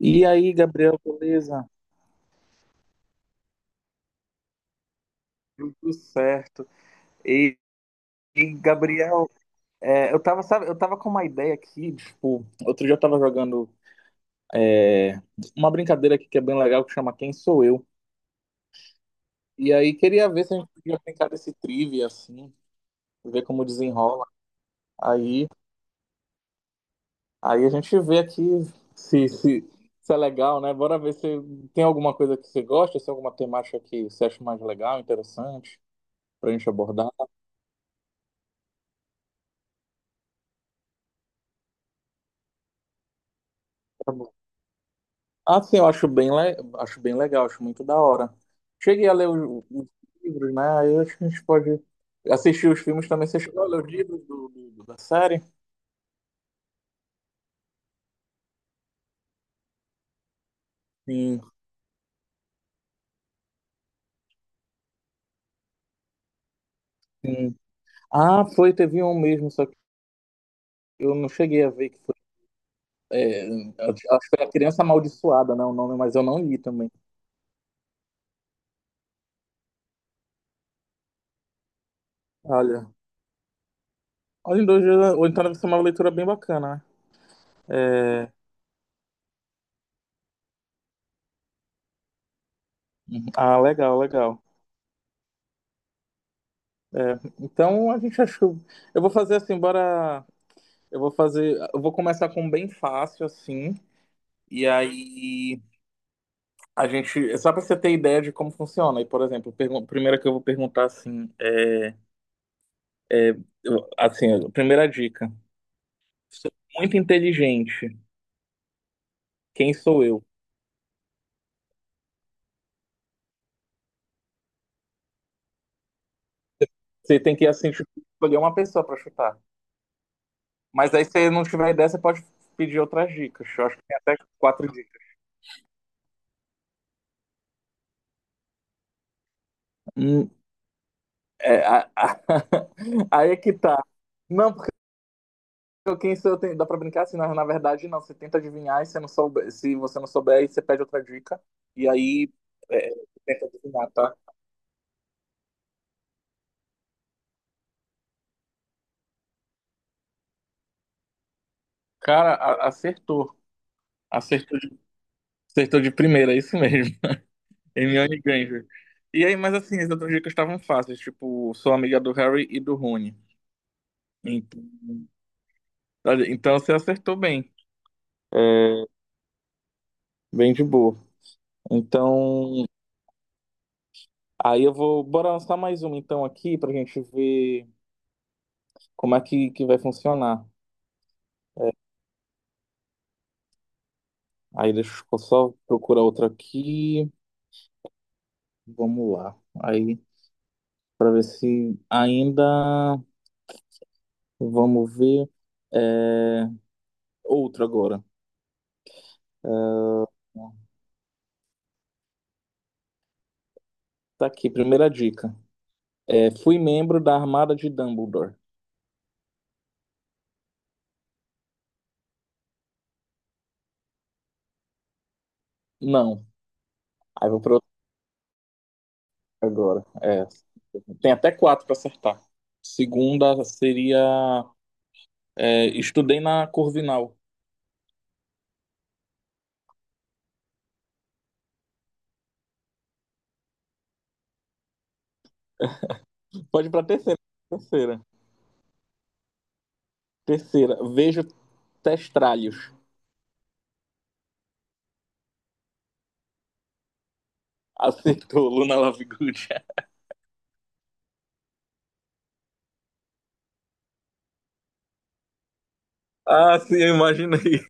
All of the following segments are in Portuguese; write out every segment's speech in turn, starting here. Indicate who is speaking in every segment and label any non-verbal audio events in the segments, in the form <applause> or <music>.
Speaker 1: E aí, Gabriel, beleza? Tudo certo. E, Gabriel, eu tava, sabe, eu tava com uma ideia aqui, tipo, outro dia eu tava jogando é, uma brincadeira aqui que é bem legal, que chama Quem Sou Eu. E aí queria ver se a gente podia brincar desse trivia, assim, ver como desenrola. Aí, aí a gente vê aqui se, se, se é legal, né? Bora ver se tem alguma coisa que você gosta, se tem alguma temática que você acha mais legal, interessante, pra gente abordar. Assim, eu acho bem, acho bem legal, acho muito da hora. Cheguei a ler os livros, né? Aí eu acho que a gente pode assistir os filmes também. Você chegou a ler os livros da série? Sim, sim. Ah, foi, teve um mesmo, só que eu não cheguei a ver que foi. é, Acho que foi A Criança Amaldiçoada, né? O nome, mas eu não li também. Olha, olha, em 2 dias, ou então deve ser uma leitura é bem bacana, né? Uhum. Ah, legal, legal. É, então a gente achou. Eu vou fazer assim, bora. Eu vou fazer. Eu vou começar com um bem fácil, assim. E aí a gente, só para você ter ideia de como funciona. E, por exemplo, primeira que eu vou perguntar assim, é, assim, a primeira dica. Sou muito inteligente. Quem sou eu? Você tem que assim tipo, escolher uma pessoa para chutar. Mas aí se você não tiver ideia, você pode pedir outras dicas. Eu acho que tem até 4 dicas. Hum, é, <laughs> aí é que tá. Não, quem sou eu, dá pra brincar assim, na verdade não, você tenta adivinhar e se não souber, se você não souber, aí você pede outra dica e aí é, tenta adivinhar, tá? Cara, acertou. Acertou de, acertou de primeira, é isso mesmo. <laughs> Hermione Granger. E aí, mas assim, as outras dicas estavam fáceis, tipo, sou amiga do Harry e do Rony. Então, olha, então você acertou bem. É, bem de boa. Então, aí eu vou, bora lançar mais uma então aqui pra gente ver como é que vai funcionar. Aí deixa eu só procurar outra aqui. Vamos lá. Aí, pra ver se ainda. Vamos ver. É... Outro agora. Tá aqui, primeira dica. É, fui membro da Armada de Dumbledore. Não. Aí vou para outra agora. É, tem até 4 para acertar. Segunda seria. É, estudei na Corvinal. Pode ir pra terceira. Terceira. Terceira. Vejo testralhos. Acertou, Luna Lovegood. <laughs> Ah, sim, eu imaginei.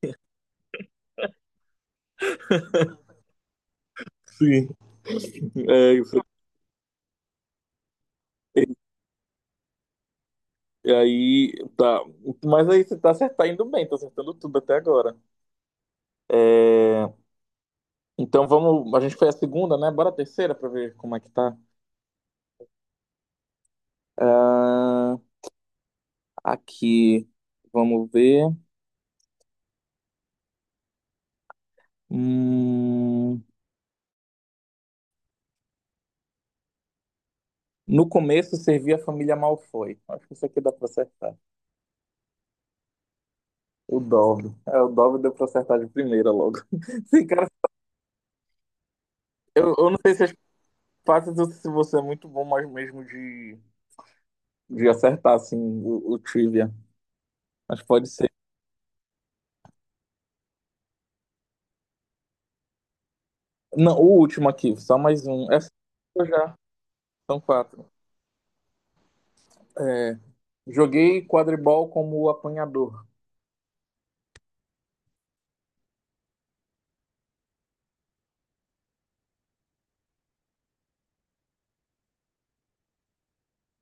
Speaker 1: Sim, é isso. E aí, tá. Mas aí você tá indo bem, tá acertando tudo até agora. É, então vamos. A gente foi a segunda, né? Bora a terceira pra ver como é que tá. Ah, aqui, vamos ver. Hum, No começo servia a família Malfoy. Acho que isso aqui dá pra acertar. O Dobby. É, o Dobby deu pra acertar de primeira logo. <laughs> Sim, cara, eu não sei se as partes, se você é muito bom, mas mesmo de acertar, assim, o trivia. Mas pode ser. Não, o último aqui, só mais um. Essa eu já. São 4. É, joguei quadribol como apanhador.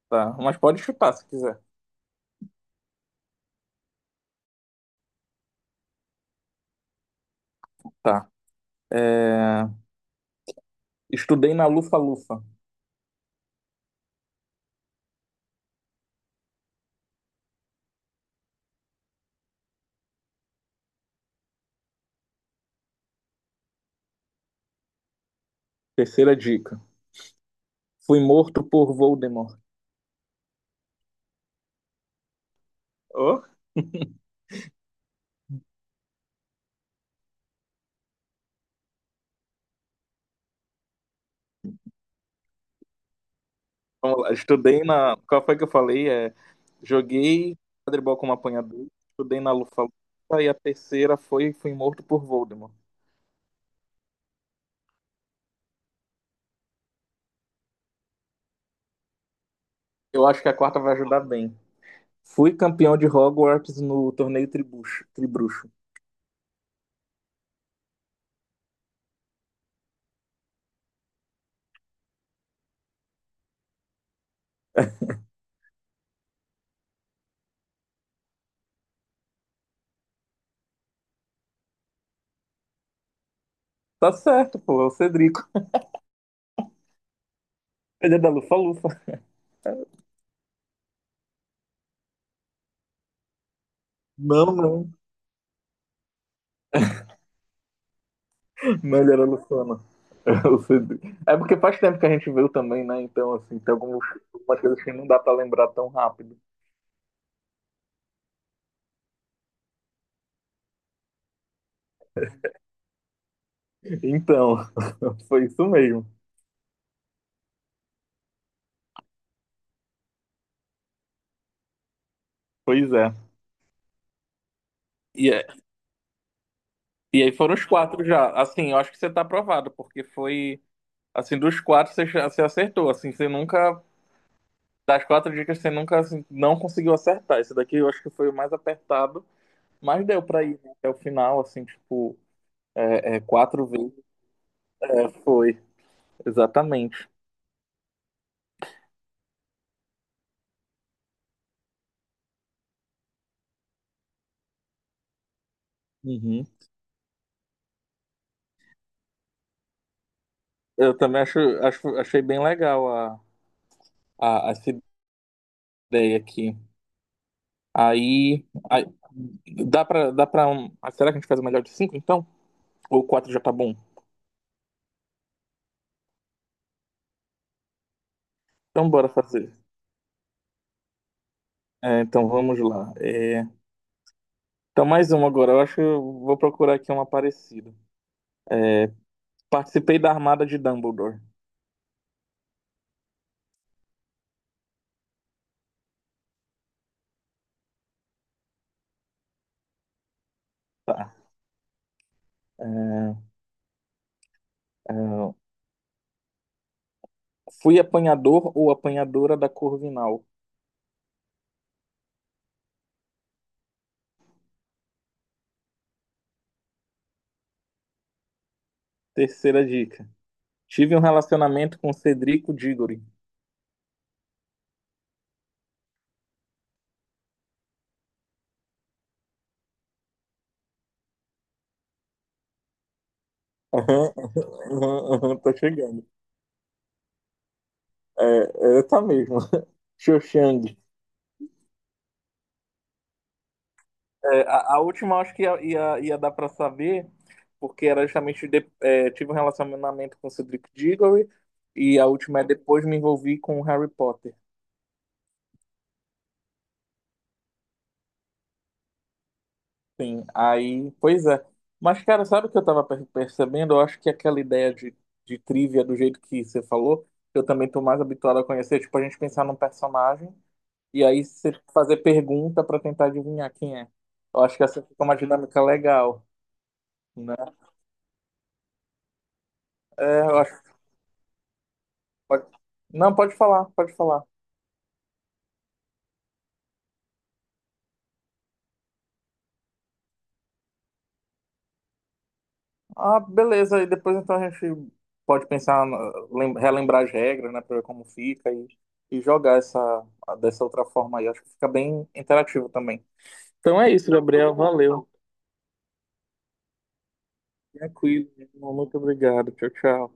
Speaker 1: Tá. Mas pode chutar se quiser. Tá. É, estudei na Lufa-Lufa. Terceira dica. Fui morto por Voldemort. Ô, vamos lá. Estudei na. Qual foi que eu falei? É, joguei quadribol como apanhador. Estudei na Lufa-Lufa. E a terceira foi fui morto por Voldemort. Eu acho que a quarta vai ajudar bem. Fui campeão de Hogwarts no torneio Tribruxo. Tá certo, pô, é o Cedrico. Ele é da Lufa-Lufa. Não, não. Não, ele era Lufana. É o Cedrico. É porque faz tempo que a gente viu também, né? Então, assim, tem algumas, algumas coisas que não dá pra lembrar tão rápido. Então, <laughs> foi isso mesmo. Pois é. E, é- e aí foram os 4 já. Assim, eu acho que você tá aprovado, porque foi. Assim, dos 4 você, você acertou. Assim, você nunca das 4 dicas, você nunca assim, não conseguiu acertar. Esse daqui eu acho que foi o mais apertado, mas deu pra ir né, até o final, assim, tipo, 4 vezes. É, foi, exatamente. Uhum. Eu também acho, acho, achei bem legal essa ideia aqui. Aí dá pra um, ah, será que a gente faz o melhor de 5, então? Ou 4 já tá bom? Então bora fazer. É, então vamos lá. É, então mais uma agora. Eu acho que eu vou procurar aqui uma parecida. É, participei da Armada de Dumbledore. Tá. É, é, fui apanhador ou apanhadora da Corvinal. Terceira dica. Tive um relacionamento com Cedrico Diggory. Aham, aham, aham, tá chegando. Tá mesmo. <laughs> Xoxang. É, a última eu acho que ia dar para saber, porque era justamente é, tive um relacionamento com Cedric Diggory e a última é depois me envolvi com Harry Potter. Sim, aí, pois é. Mas, cara, sabe o que eu tava percebendo? Eu acho que aquela ideia de trivia, do jeito que você falou, eu também tô mais habituado a conhecer. Tipo, a gente pensar num personagem e aí você fazer pergunta pra tentar adivinhar quem é. Eu acho que essa fica uma dinâmica legal, né? É, eu acho que pode... Não, pode falar, pode falar. Ah, beleza. E depois então a gente pode pensar, relembrar as regras, né, pra ver como fica e jogar essa, dessa outra forma aí. Acho que fica bem interativo também. Então é isso, Gabriel. Valeu. Tranquilo. Muito obrigado. Tchau, tchau.